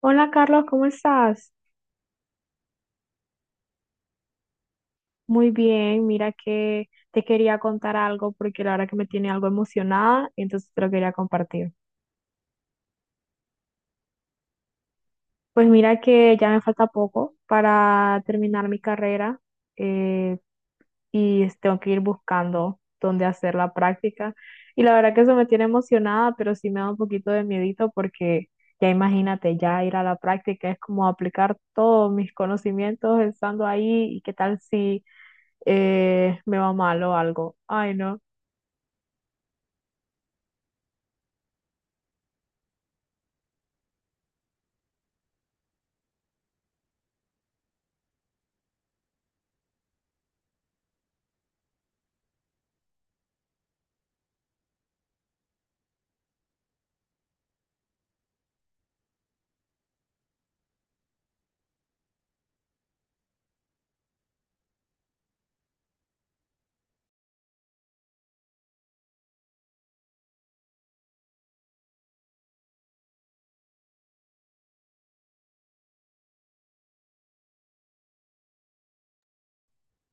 Hola Carlos, ¿cómo estás? Muy bien, mira que te quería contar algo porque la verdad que me tiene algo emocionada, entonces te lo quería compartir. Pues mira que ya me falta poco para terminar mi carrera, eh, y tengo que ir buscando dónde hacer la práctica. Y la verdad que eso me tiene emocionada, pero sí me da un poquito de miedito porque ya imagínate, ya ir a la práctica es como aplicar todos mis conocimientos estando ahí y qué tal si me va mal o algo. Ay, no.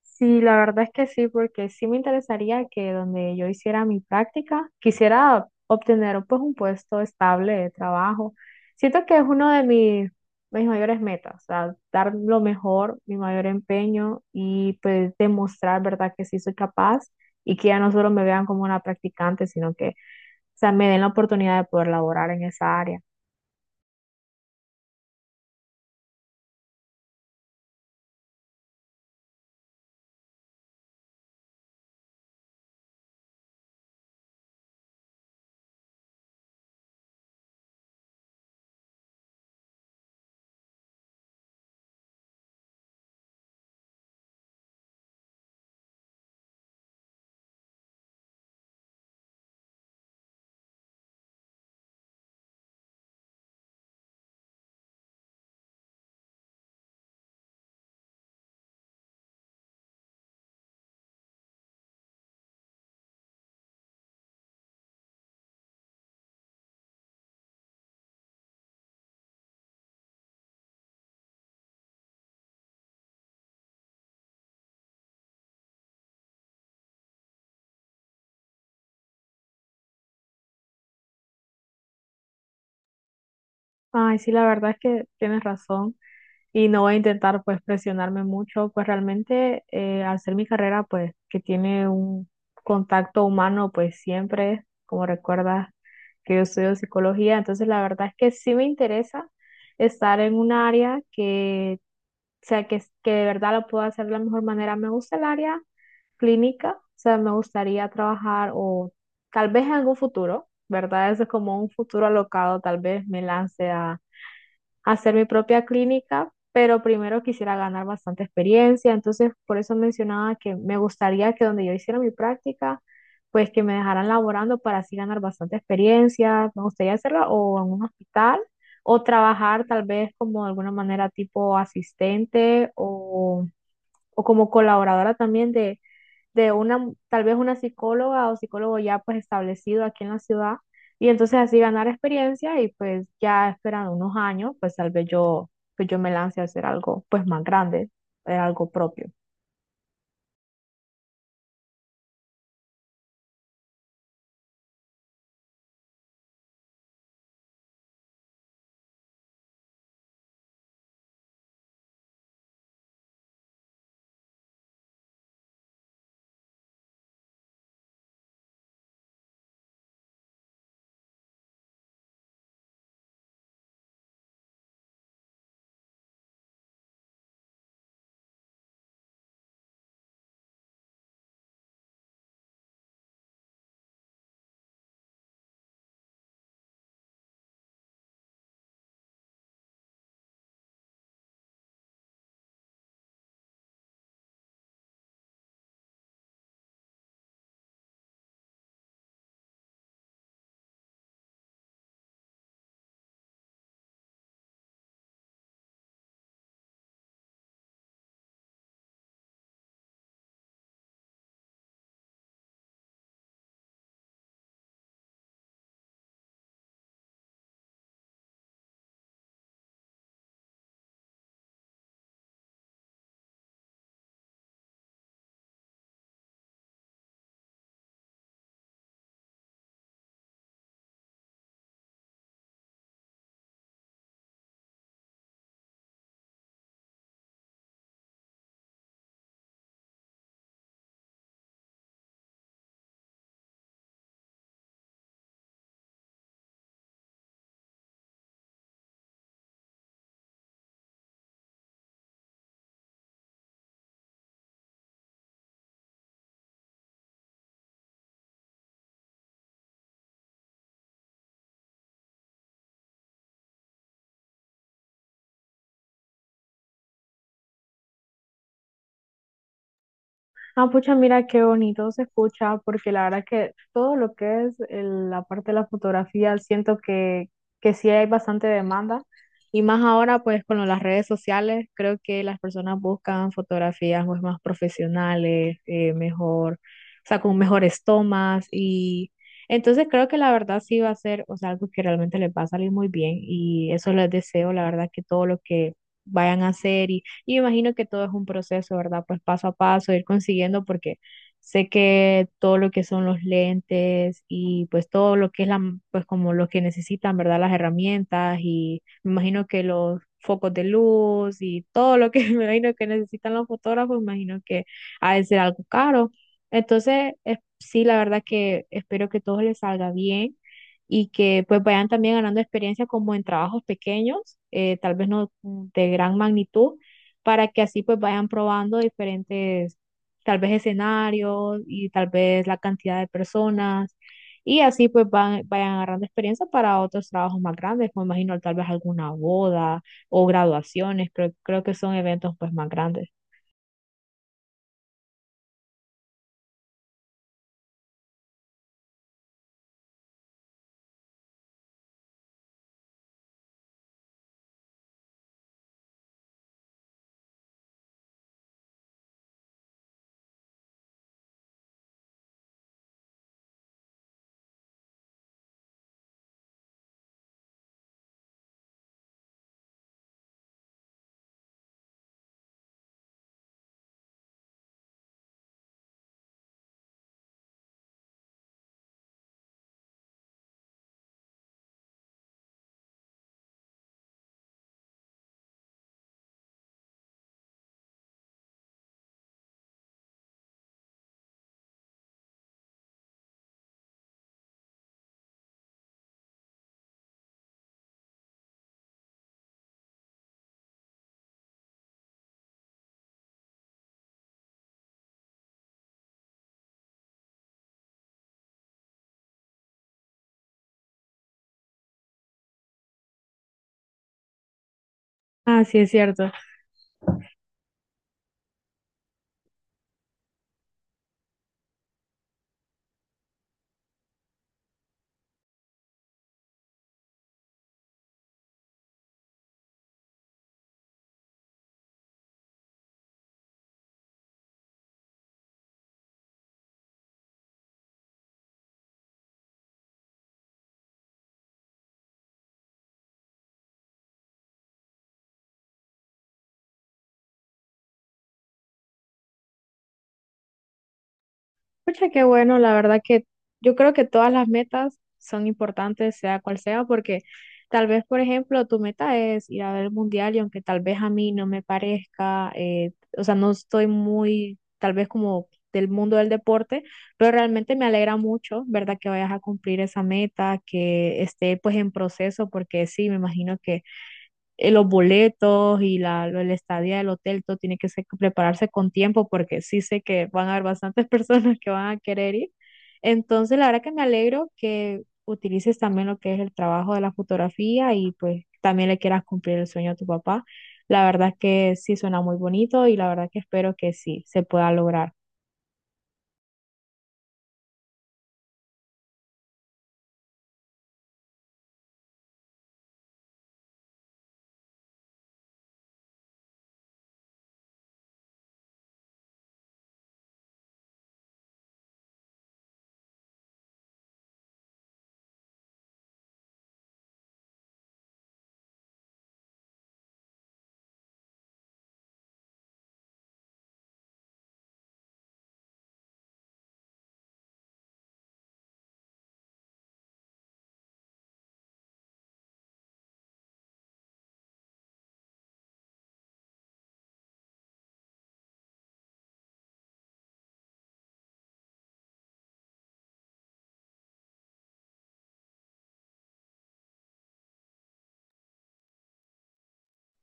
Sí, la verdad es que sí, porque sí me interesaría que donde yo hiciera mi práctica, quisiera obtener pues un puesto estable de trabajo. Siento que es uno de mis mayores metas, o sea, dar lo mejor, mi mayor empeño y pues demostrar, ¿verdad?, que sí soy capaz y que ya no solo me vean como una practicante, sino que, o sea, me den la oportunidad de poder laborar en esa área. Ay, sí, la verdad es que tienes razón. Y no voy a intentar pues presionarme mucho, pues realmente, al ser mi carrera pues que tiene un contacto humano pues siempre, como recuerdas que yo estudio psicología, entonces la verdad es que sí me interesa estar en un área que, o sea, que de verdad lo puedo hacer de la mejor manera. Me gusta el área clínica, o sea, me gustaría trabajar o tal vez en algún futuro, ¿verdad? Eso es como un futuro alocado, tal vez me lance a hacer mi propia clínica, pero primero quisiera ganar bastante experiencia, entonces por eso mencionaba que me gustaría que donde yo hiciera mi práctica, pues que me dejaran laborando para así ganar bastante experiencia, me gustaría hacerlo o en un hospital o trabajar tal vez como de alguna manera tipo asistente o como colaboradora también de una, tal vez una psicóloga o psicólogo ya pues establecido aquí en la ciudad y entonces así ganar experiencia y pues ya esperando unos años, pues pues yo me lance a hacer algo pues más grande, algo propio. Ah, pucha, mira qué bonito se escucha, porque la verdad que todo lo que es la parte de la fotografía, siento que sí hay bastante demanda, y más ahora pues con lo de las redes sociales, creo que las personas buscan fotografías pues más profesionales, mejor, o sea, con mejores tomas, y entonces creo que la verdad sí va a ser, o sea, algo que realmente les va a salir muy bien, y eso les deseo, la verdad, que todo lo que vayan a hacer. Y me imagino que todo es un proceso, ¿verdad? Pues paso a paso, ir consiguiendo, porque sé que todo lo que son los lentes y pues todo lo que es la, pues como lo que necesitan, ¿verdad? Las herramientas y me imagino que los focos de luz y todo lo que me imagino que necesitan los fotógrafos, me imagino que ha de ser algo caro. Entonces, sí, la verdad que espero que todo les salga bien y que pues vayan también ganando experiencia como en trabajos pequeños, tal vez no de gran magnitud, para que así pues vayan probando diferentes, tal vez escenarios y tal vez la cantidad de personas y así pues vayan agarrando experiencia para otros trabajos más grandes, me imagino tal vez alguna boda o graduaciones, creo que son eventos pues más grandes. Ah, sí, es cierto. Pucha, qué bueno, la verdad que yo creo que todas las metas son importantes, sea cual sea, porque tal vez, por ejemplo, tu meta es ir a ver el mundial y aunque tal vez a mí no me parezca, o sea, no estoy muy, tal vez como del mundo del deporte, pero realmente me alegra mucho, ¿verdad? Que vayas a cumplir esa meta, que esté pues en proceso, porque sí, me imagino, los boletos y la, la estadía del hotel, todo tiene que ser, prepararse con tiempo porque sí sé que van a haber bastantes personas que van a querer ir. Entonces, la verdad que me alegro que utilices también lo que es el trabajo de la fotografía y pues también le quieras cumplir el sueño a tu papá. La verdad que sí suena muy bonito y la verdad que espero que sí se pueda lograr.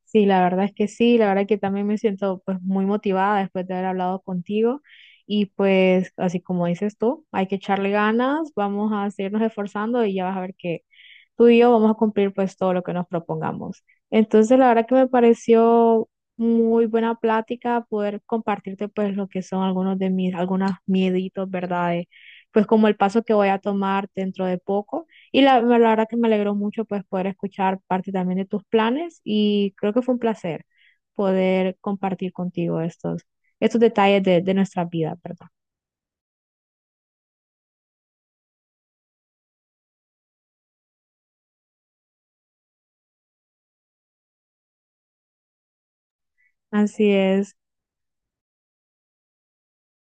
Sí, la verdad es que sí, la verdad que también me siento pues muy motivada después de haber hablado contigo y pues así como dices tú, hay que echarle ganas, vamos a seguirnos esforzando y ya vas a ver que tú y yo vamos a cumplir pues todo lo que nos propongamos. Entonces, la verdad que me pareció muy buena plática poder compartirte pues lo que son algunos mieditos, ¿verdad? De, pues como el paso que voy a tomar dentro de poco. Y la verdad que me alegró mucho pues poder escuchar parte también de tus planes y creo que fue un placer poder compartir contigo estos detalles de nuestra vida, ¿verdad? Así es.